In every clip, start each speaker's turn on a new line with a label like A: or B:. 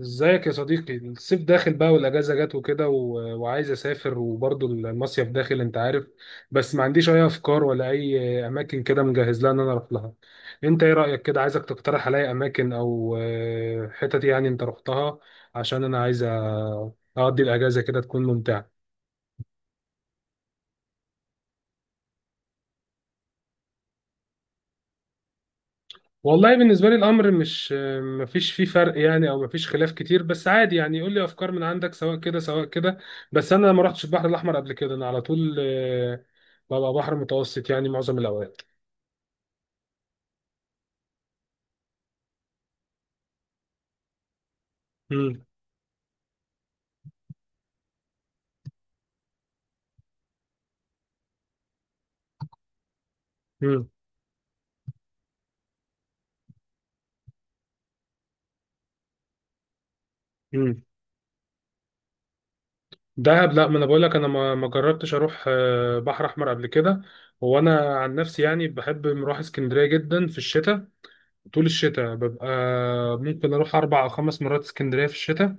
A: ازيك يا صديقي؟ الصيف داخل بقى والاجازه جت وكده وعايز اسافر وبرضه المصيف داخل، انت عارف. بس ما عنديش اي افكار ولا اي اماكن كده مجهز لها ان انا اروح لها. انت ايه رايك؟ كده عايزك تقترح عليا اماكن او حتت يعني انت رحتها. عشان انا عايز اقضي الاجازه كده تكون ممتعه. والله بالنسبة لي الأمر مش مفيش فيه فرق يعني، أو مفيش خلاف كتير. بس عادي يعني يقول لي أفكار من عندك، سواء كده سواء كده. بس أنا ما رحتش البحر الأحمر قبل كده، أنا على طول ببقى بحر متوسط يعني معظم الأوقات. مم. مم. مم. دهب؟ لا، ما أنا بقول لك أنا ما جربتش أروح بحر أحمر قبل كده. وأنا عن نفسي يعني بحب أروح اسكندرية جدا في الشتاء، طول الشتاء ببقى ممكن أروح أربع أو خمس مرات اسكندرية في الشتاء.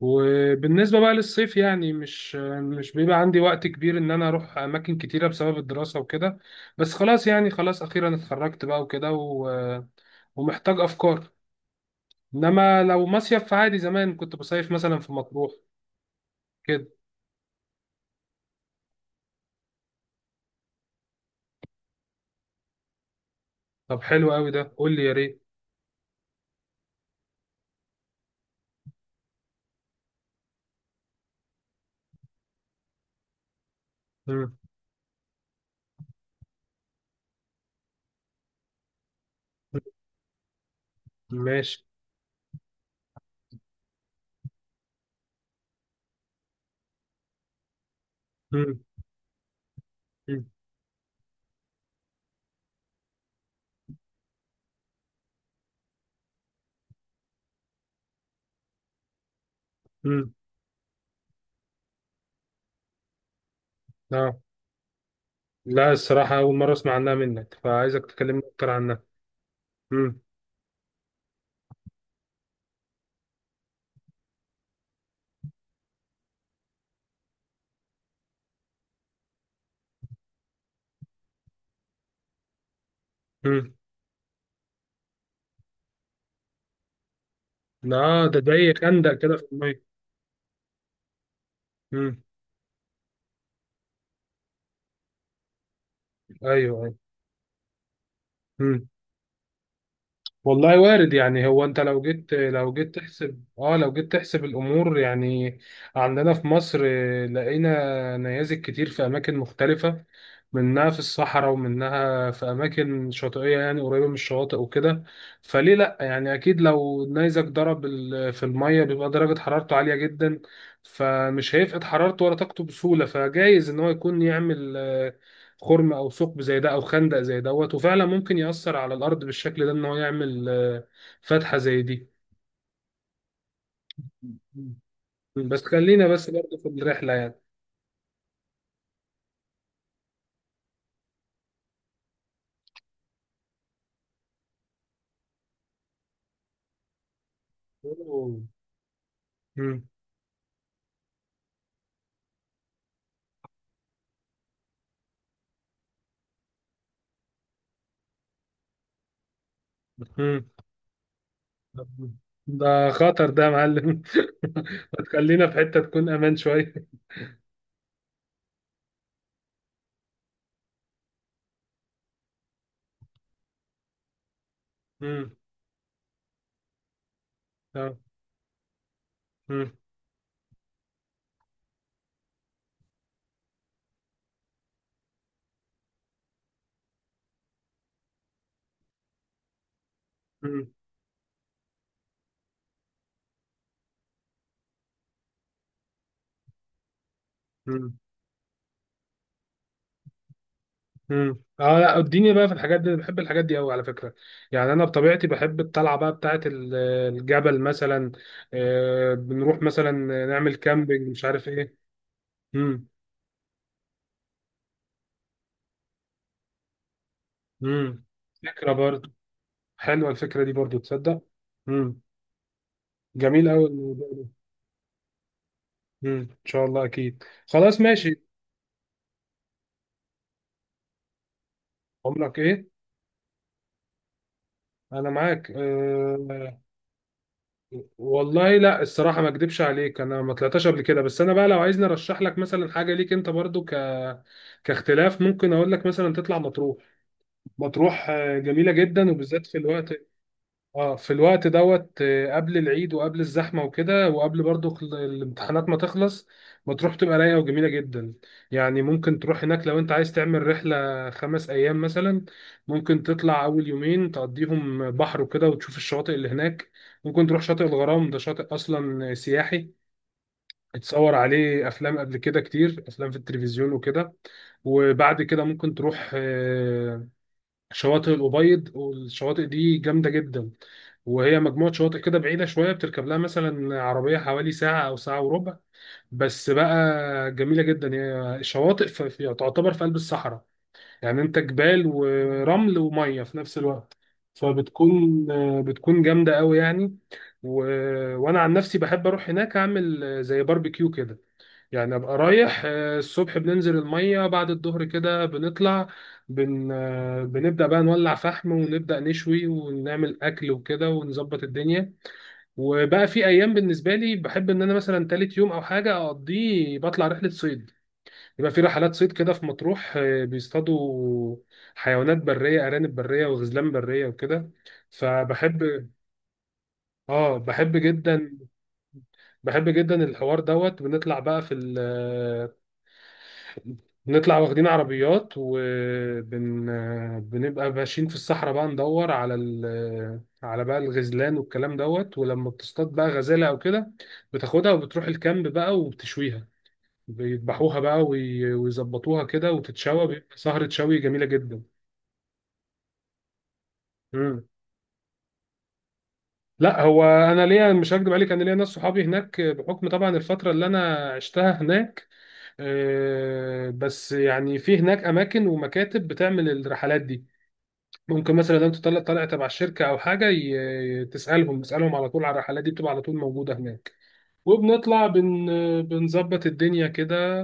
A: وبالنسبة بقى للصيف يعني مش بيبقى عندي وقت كبير ان انا اروح اماكن كتيرة بسبب الدراسة وكده. بس خلاص يعني خلاص اخيرا اتخرجت بقى وكده و... ومحتاج افكار. انما لو مصيف فعادي، زمان كنت بصيف مثلا في مطروح كده. طب حلو قوي ده، قول لي يا ريت. مم. ماشي. مم. مم. مم. اه. لا، الصراحة أول مرة أسمع عنها منك، فعايزك تكلمني أكتر عنها. مم. مم. لا، ده زي خندق كده في المية. مم. أيوه. أيوه، والله وارد يعني. هو انت لو جيت، لو جيت تحسب، اه، لو جيت تحسب الامور يعني. عندنا في مصر لقينا نيازك كتير في اماكن مختلفة، منها في الصحراء ومنها في أماكن شاطئية يعني قريبة من الشواطئ وكده. فليه لأ؟ يعني أكيد لو النيزك ضرب في المية، بيبقى درجة حرارته عالية جدا، فمش هيفقد حرارته ولا طاقته بسهولة. فجايز إن هو يكون يعمل خرم أو ثقب زي ده أو خندق زي دوت. وفعلا ممكن يأثر على الأرض بالشكل ده، إن هو يعمل فتحة زي دي. مم. بس خلينا بس برضه في الرحلة يعني. أوه. مم. مم. ده خطر ده يا معلم. ما تخلينا في حتة تكون امان شوية. امم. اه. امم. امم. امم. امم. اه لا، اديني بقى في الحاجات دي، أنا بحب الحاجات دي قوي على فكرة. يعني انا بطبيعتي بحب الطلعة بقى بتاعة الجبل مثلا. بنروح مثلا نعمل كامبينج، مش عارف ايه. امم. امم. فكرة برضه، حلوة الفكرة دي برضه، تصدق. امم. جميل قوي الموضوع ده. امم، ان شاء الله اكيد، خلاص ماشي. عمرك ايه؟ انا معاك والله لا الصراحة ما اكدبش عليك، انا ما طلعتش قبل كده. بس انا بقى لو عايزني ارشح لك مثلا حاجة ليك انت برضو، كاختلاف، ممكن اقول لك مثلا تطلع مطروح. مطروح جميلة جدا، وبالذات في الوقت، اه، في الوقت دوت قبل العيد وقبل الزحمه وكده، وقبل برضو الامتحانات ما تخلص، بتروح تبقى رايقه وجميله جدا. يعني ممكن تروح هناك لو انت عايز تعمل رحله 5 ايام مثلا. ممكن تطلع اول يومين تقضيهم بحر وكده وتشوف الشواطئ اللي هناك. ممكن تروح شاطئ الغرام، ده شاطئ اصلا سياحي، اتصور عليه افلام قبل كده، كتير افلام في التلفزيون وكده. وبعد كده ممكن تروح شواطئ الأبيض، والشواطئ دي جامدة جدا. وهي مجموعة شواطئ كده بعيدة شوية، بتركب لها مثلا عربية حوالي ساعة أو ساعة وربع، بس بقى جميلة جدا. هي شواطئ تعتبر في قلب الصحراء. يعني أنت جبال ورمل ومية في نفس الوقت، فبتكون بتكون جامدة قوي يعني. و... وأنا عن نفسي بحب أروح هناك أعمل زي باربيكيو كده. يعني ابقى رايح الصبح، بننزل الميه، بعد الظهر كده بنطلع، بن آه، بنبدا بقى نولع فحم ونبدا نشوي ونعمل اكل وكده ونظبط الدنيا. وبقى في ايام بالنسبه لي بحب ان انا مثلا تالت يوم او حاجه اقضيه بطلع رحله صيد. يبقى في رحلات صيد كده في مطروح بيصطادوا حيوانات بريه، ارانب بريه وغزلان بريه وكده. فبحب، اه بحب جدا، بحب جدا الحوار دوت. بنطلع بقى في نطلع واخدين عربيات، بنبقى ماشيين في الصحراء بقى ندور على على بقى الغزلان والكلام دوت. ولما بتصطاد بقى غزالة او كده بتاخدها وبتروح الكامب بقى وبتشويها، بيذبحوها بقى ويظبطوها كده وتتشوى، بيبقى سهرة شوي جميلة جدا. مم. لا هو انا ليا، مش هكدب عليك، انا ليا ناس صحابي هناك بحكم طبعا الفترة اللي انا عشتها هناك بس يعني في هناك اماكن ومكاتب بتعمل الرحلات دي. ممكن مثلا لو انت طالع، تبع الشركه او حاجه، تسالهم، تسالهم على طول على الرحلات دي بتبقى على طول موجوده هناك. وبنطلع بن بنظبط الدنيا كده،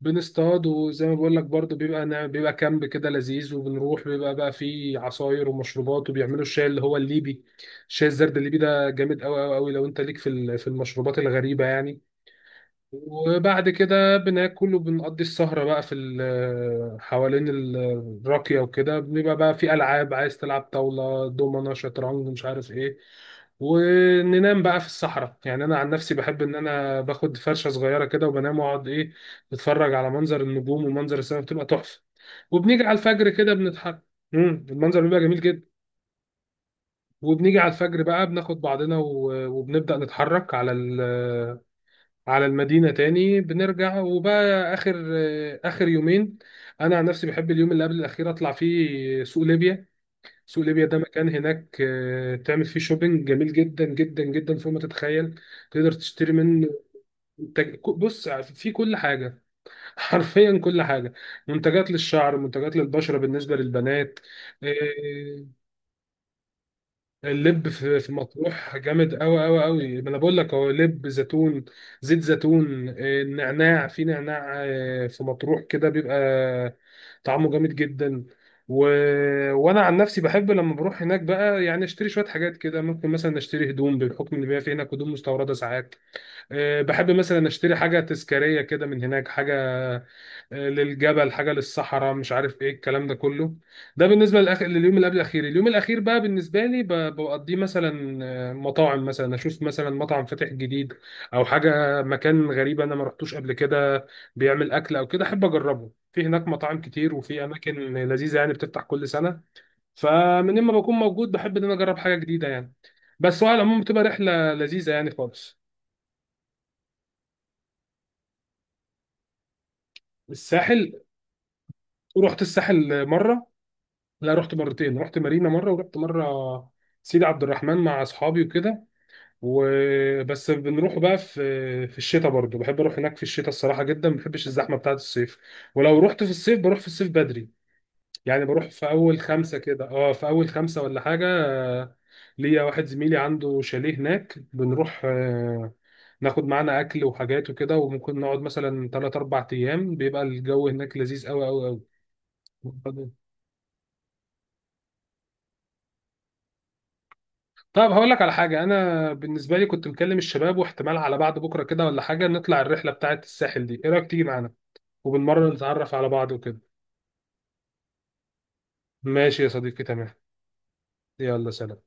A: بنصطاد. وزي ما بقول لك برضو بيبقى بيبقى كامب كده لذيذ. وبنروح بيبقى بقى فيه عصاير ومشروبات، وبيعملوا الشاي اللي هو الليبي، الشاي الزرد الليبي، ده جامد قوي قوي قوي لو انت ليك في في المشروبات الغريبه يعني. وبعد كده بناكل وبنقضي السهرة بقى في حوالين الراكية وكده. بيبقى بقى في ألعاب، عايز تلعب طاولة دومنة شطرنج مش عارف إيه. وننام بقى في الصحراء. يعني أنا عن نفسي بحب إن أنا باخد فرشة صغيرة كده وبنام، وأقعد إيه، بتفرج على منظر النجوم ومنظر السماء، بتبقى تحفة. وبنيجي على الفجر كده بنتحرك. مم، المنظر بيبقى جميل جدا. وبنيجي على الفجر بقى بناخد بعضنا وبنبدأ نتحرك على على المدينة تاني بنرجع. وبقى آخر آخر يومين، أنا عن نفسي بحب اليوم اللي قبل الأخير أطلع فيه سوق ليبيا. سوق ليبيا ده مكان هناك تعمل فيه شوبينج جميل جدا جدا جدا فوق ما تتخيل. تقدر تشتري منه بص، في كل حاجة. حرفيا كل حاجة، منتجات للشعر، منتجات للبشرة بالنسبة للبنات. آه، اللب في في مطروح جامد قوي قوي قوي، ما انا بقول لك، هو لب زيتون، زيت زيتون نعناع، في نعناع في مطروح كده بيبقى طعمه جامد جدا. و... وانا عن نفسي بحب لما بروح هناك بقى، يعني اشتري شويه حاجات كده. ممكن مثلا اشتري هدوم بحكم ان بيبقى في هناك هدوم مستورده ساعات. بحب مثلا اشتري حاجه تذكاريه كده من هناك، حاجه للجبل، حاجه للصحراء، مش عارف ايه الكلام ده كله. ده بالنسبه لليوم اللي قبل الاخير. اليوم الاخير بقى بالنسبه لي بقضيه مثلا مطاعم. مثلا اشوف مثلا مطعم فاتح جديد او حاجه، مكان غريب انا ما رحتوش قبل كده بيعمل اكل او كده، احب اجربه. في هناك مطاعم كتير وفي اماكن لذيذه يعني بتفتح كل سنه، فمن ما بكون موجود بحب ان انا اجرب حاجه جديده يعني. بس هو على العموم بتبقى رحله لذيذه يعني خالص. الساحل؟ رحت الساحل مره. لا، رحت مرتين، رحت مارينا مره ورحت مره سيدي عبد الرحمن مع اصحابي وكده. وبس بنروح بقى في الشتاء برضو، بحب اروح هناك في الشتاء الصراحه جدا، ما بحبش الزحمه بتاعه الصيف. ولو رحت في الصيف بروح في الصيف بدري يعني، بروح في اول خمسه كده، اه في اول خمسه ولا حاجه ليا واحد زميلي عنده شاليه هناك، بنروح ناخد معانا اكل وحاجات وكده وممكن نقعد مثلا 3 4 ايام، بيبقى الجو هناك لذيذ قوي قوي قوي. طب هقول لك على حاجة، أنا بالنسبة لي كنت مكلم الشباب، واحتمال على بعد بكرة كده ولا حاجة نطلع الرحلة بتاعة الساحل دي، إيه رأيك تيجي معانا؟ وبالمرة نتعرف على بعض وكده. ماشي يا صديقي، تمام. يلا سلام.